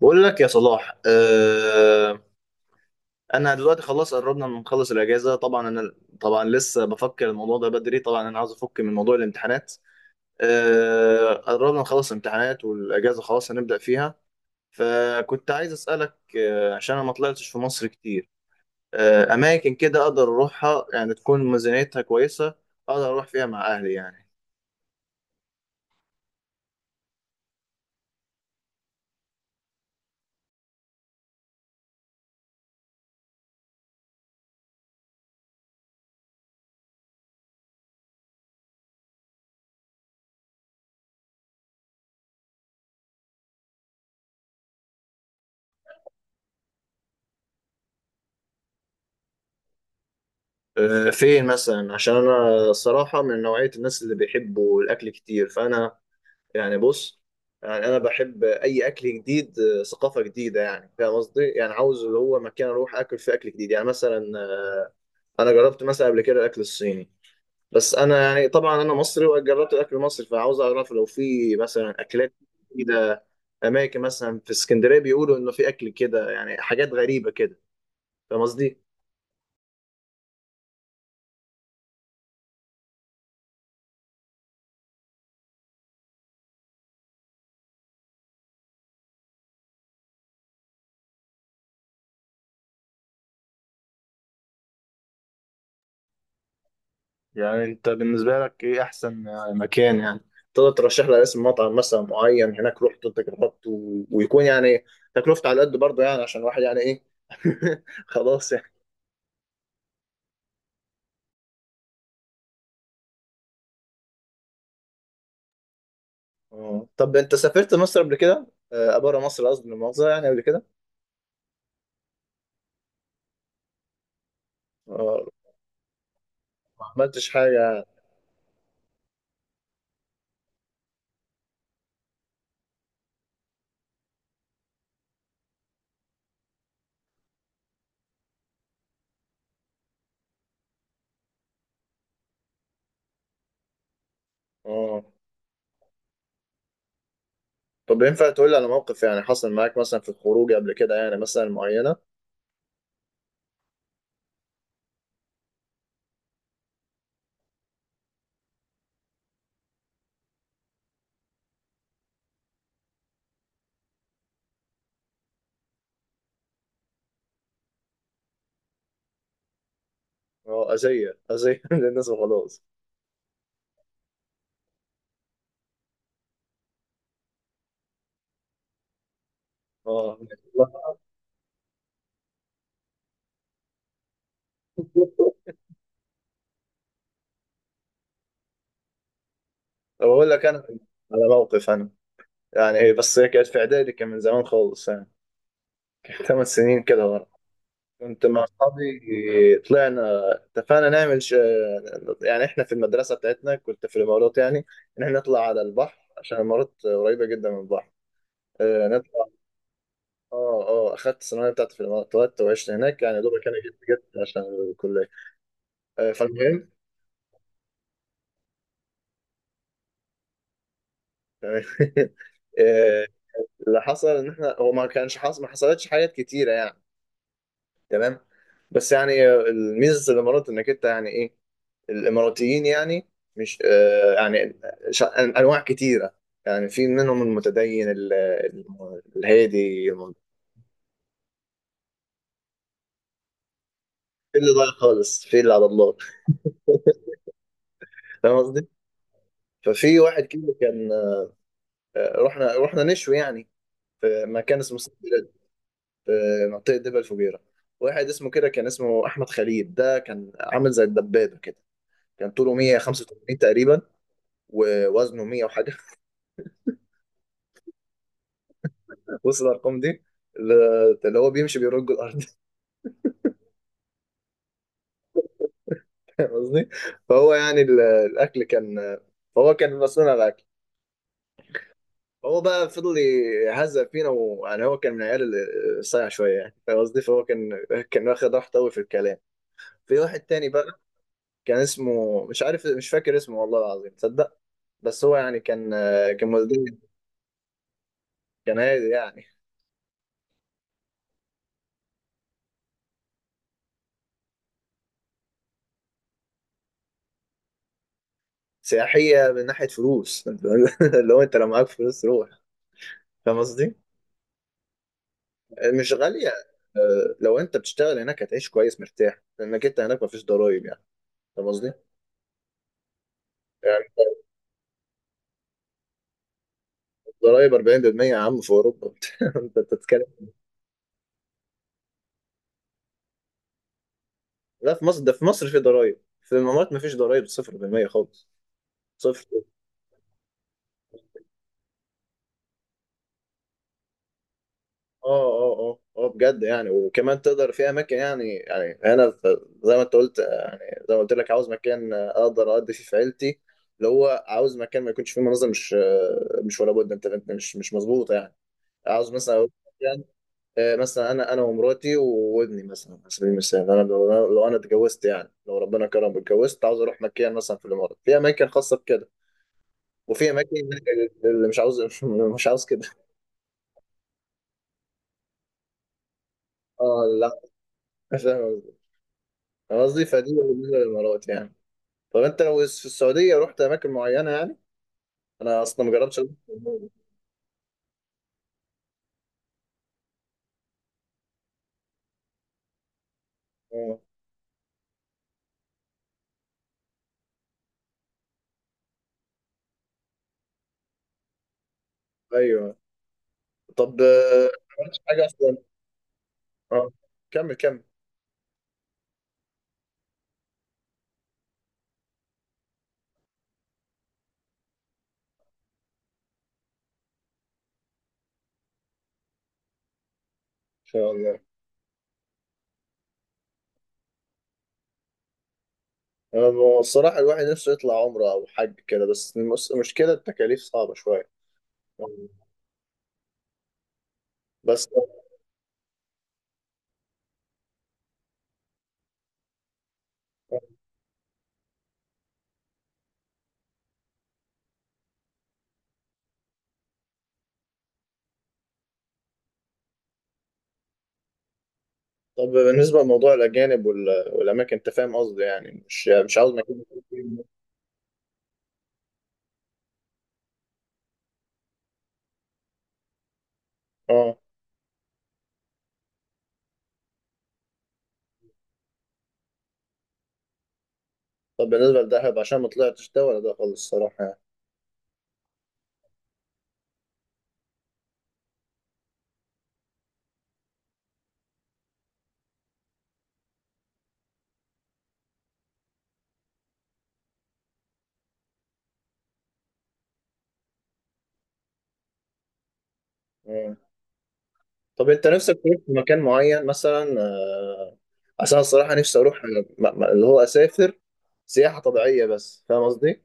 بقول لك يا صلاح، آه. انا دلوقتي خلاص قربنا من نخلص الاجازه. طبعا لسه بفكر الموضوع ده بدري. طبعا انا عاوز افك من موضوع الامتحانات. آه، قربنا نخلص الامتحانات والاجازه خلاص هنبدا فيها. فكنت عايز اسالك، عشان انا ما طلعتش في مصر كتير، اماكن كده اقدر اروحها يعني تكون ميزانيتها كويسه، اقدر اروح فيها مع اهلي يعني. آه، فين مثلا؟ عشان انا الصراحه من نوعيه الناس اللي بيحبوا الاكل كتير، فانا يعني بص، يعني انا بحب اي اكل جديد، ثقافه جديده، يعني فاهم قصدي؟ يعني عاوز اللي هو مكان اروح اكل فيه اكل جديد، يعني مثلا انا جربت مثلا قبل كده الاكل الصيني، بس انا يعني طبعا انا مصري وجربت الاكل المصري، فعاوز اعرف لو في مثلا اكلات جديده. اماكن مثلا في اسكندريه بيقولوا انه في اكل كده، يعني حاجات غريبه كده، فاهم قصدي؟ يعني انت بالنسبه لك ايه احسن يعني مكان يعني؟ تقدر ترشح لي اسم مطعم مثلا معين هناك رحت انت جربت ويكون يعني تكلفته على قد برضه، يعني عشان الواحد يعني ايه، خلاص يعني. اه. طب انت سافرت مصر قبل كده، آه بره مصر قصدي، المؤاخذه، يعني قبل كده؟ اه، ما عملتش حاجه يعني. اه، طب ينفع تقول لي على موقف يعني حصل معاك مثلا في الخروج قبل كده، يعني مثلا معينه؟ اه، اذيه اذيه للناس وخلاص. اه بقول لك انا على موقف انا، يعني هي هي كانت في اعدادي، كان من زمان خالص يعني، كان ثمان سنين كده ورا. كنت مع اصحابي طلعنا، اتفقنا نعمل يعني احنا في المدرسه بتاعتنا، كنت في الامارات يعني، ان احنا نطلع على البحر عشان الامارات قريبه جدا من البحر. آه، نطلع. اه اه، اخدت الثانويه بتاعتي في الامارات، اتولدت وعشت هناك يعني، دوبك انا جيت عشان الكليه. آه، فالمهم. تمام. آه، اللي حصل ان احنا هو ما كانش حصل، ما حصلتش حاجات كتيره يعني. تمام. بس يعني آه، الميزه في الامارات انك انت يعني ايه، الاماراتيين يعني، مش آه، يعني انواع كتيره. يعني في منهم المتدين الهادي، في اللي ضايع خالص، في اللي على الله، فاهم قصدي. ففي واحد كده كان، آه، رحنا نشوي يعني في مكان اسمه سيد بلاد، في منطقه دبا الفجيره. واحد اسمه كده، كان اسمه احمد خليل، ده كان عامل زي الدبابه كده. كان طوله 185 تقريبا ووزنه 100 وحاجه. وصل الارقام دي، اللي اللي هو بيمشي بيرج الارض، فاهم قصدي؟ فهو يعني الاكل كان، فهو كان مسؤول عن الاكل. هو بقى فضل يهزأ فينا، ويعني هو كان من العيال اللي صايع شويه يعني، فاهم قصدي؟ فهو كان واخد راحته قوي في الكلام. في واحد تاني بقى كان اسمه، مش عارف مش فاكر اسمه والله العظيم تصدق، بس هو يعني كان مزدوج، كان هادي يعني. سياحيه من ناحيه فلوس. اللي هو انت لو معاك فلوس روح، فاهم قصدي. مش غاليه. آه، لو انت بتشتغل هناك هتعيش كويس مرتاح، لانك انت هناك مفيش ضرايب يعني، فاهم قصدي؟ يعني ضرايب 40% يا عم في اوروبا. انت بتتكلم. لا في مصر، ده في مصر في ضرايب، في الامارات ما فيش ضرايب، 0% خالص. صفر. اه اه اه اه، بجد يعني. وكمان تقدر في اماكن يعني، يعني هنا زي ما انت قلت، يعني زي ما قلت لك، عاوز مكان اقدر اقضي فيه في عيلتي، اللي هو عاوز مكان ما يكونش فيه مناظر، مش ولا بد. انت انت مش مظبوطه يعني. عاوز مثلا آه، مثلا انا ومراتي وابني، مثلا على سبيل المثال انا لو، لو انا اتجوزت يعني، لو ربنا كرم اتجوزت، عاوز اروح مكان مثلا في الامارات. في اماكن خاصه بكده، وفي اماكن اللي مش عاوز مش عاوز كده. اه لا. فاهم قصدي. أنا قصدي فدي بالنسبه للامارات يعني. طب انت لو في السعوديه رحت اماكن معينه يعني؟ انا اصلا ما جربتش أروح السعودية. اه. ايوه. طب آه، ما عملتش حاجه اصلا؟ اه، كمل كمل. ان شاء الله. أنا الصراحة الواحد نفسه يطلع عمرة أو حج كده، بس المشكلة التكاليف صعبة شوية. بس طب بالنسبة لموضوع الأجانب والأماكن، أنت فاهم قصدي، يعني مش مش عاوز مكان يكون فيه. أه. طب بالنسبة لدهب، عشان ما طلعتش ده ولا ده خالص الصراحة يعني. أه. طب أنت نفسك تروح في مكان معين مثلا آه، عشان الصراحة نفسي أروح آه، اللي هو أسافر سياحة طبيعية بس، فاهم قصدي؟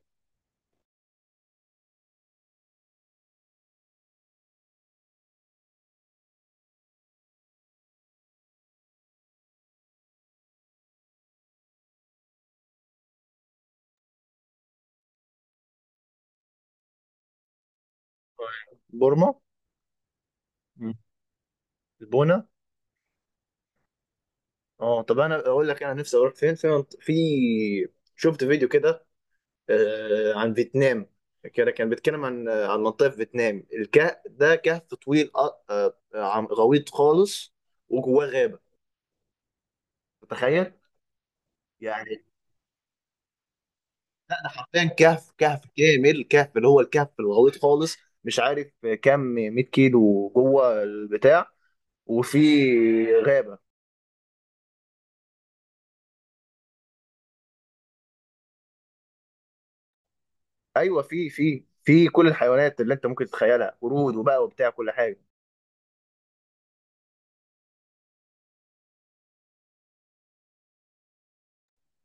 بورما. البونة. اه، طب انا اقول لك انا نفسي اروح فين، في في، شفت فيديو كده آه، عن فيتنام. كده كان بيتكلم عن آه، عن منطقه في فيتنام. الكهف ده كهف طويل آه، آه، غويط خالص، وجواه غابه، تخيل. يعني ده حرفيا كهف، كهف كامل كهف اللي هو الكهف الغويط خالص. مش عارف كام، 100 كيلو جوه البتاع، وفي غابه. ايوه، في في كل الحيوانات اللي انت ممكن تتخيلها، قرود وبقى وبتاع كل حاجه.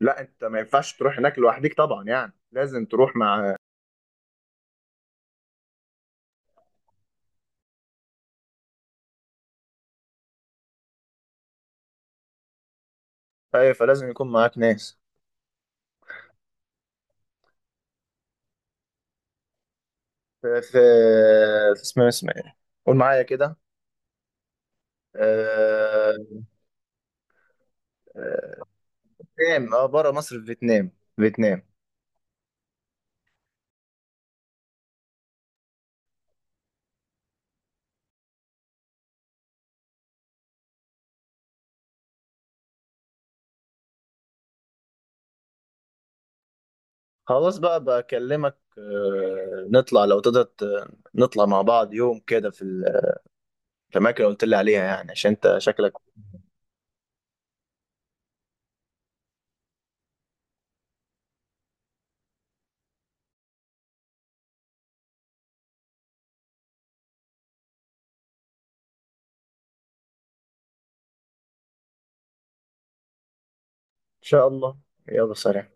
لا انت ما ينفعش تروح هناك لوحدك طبعا يعني، لازم تروح مع، ايوه فلازم يكون معاك ناس. في في اسمه، اسمه ايه، قول معايا كده، آه، آه، فيتنام. اه بره مصر، في فيتنام، فيتنام. خلاص بقى، بكلمك آه، نطلع لو تقدر نطلع مع بعض يوم كده في في الاماكن اللي قلت لي عليها يعني، عشان انت شكلك. ان شاء الله. يلا سلام.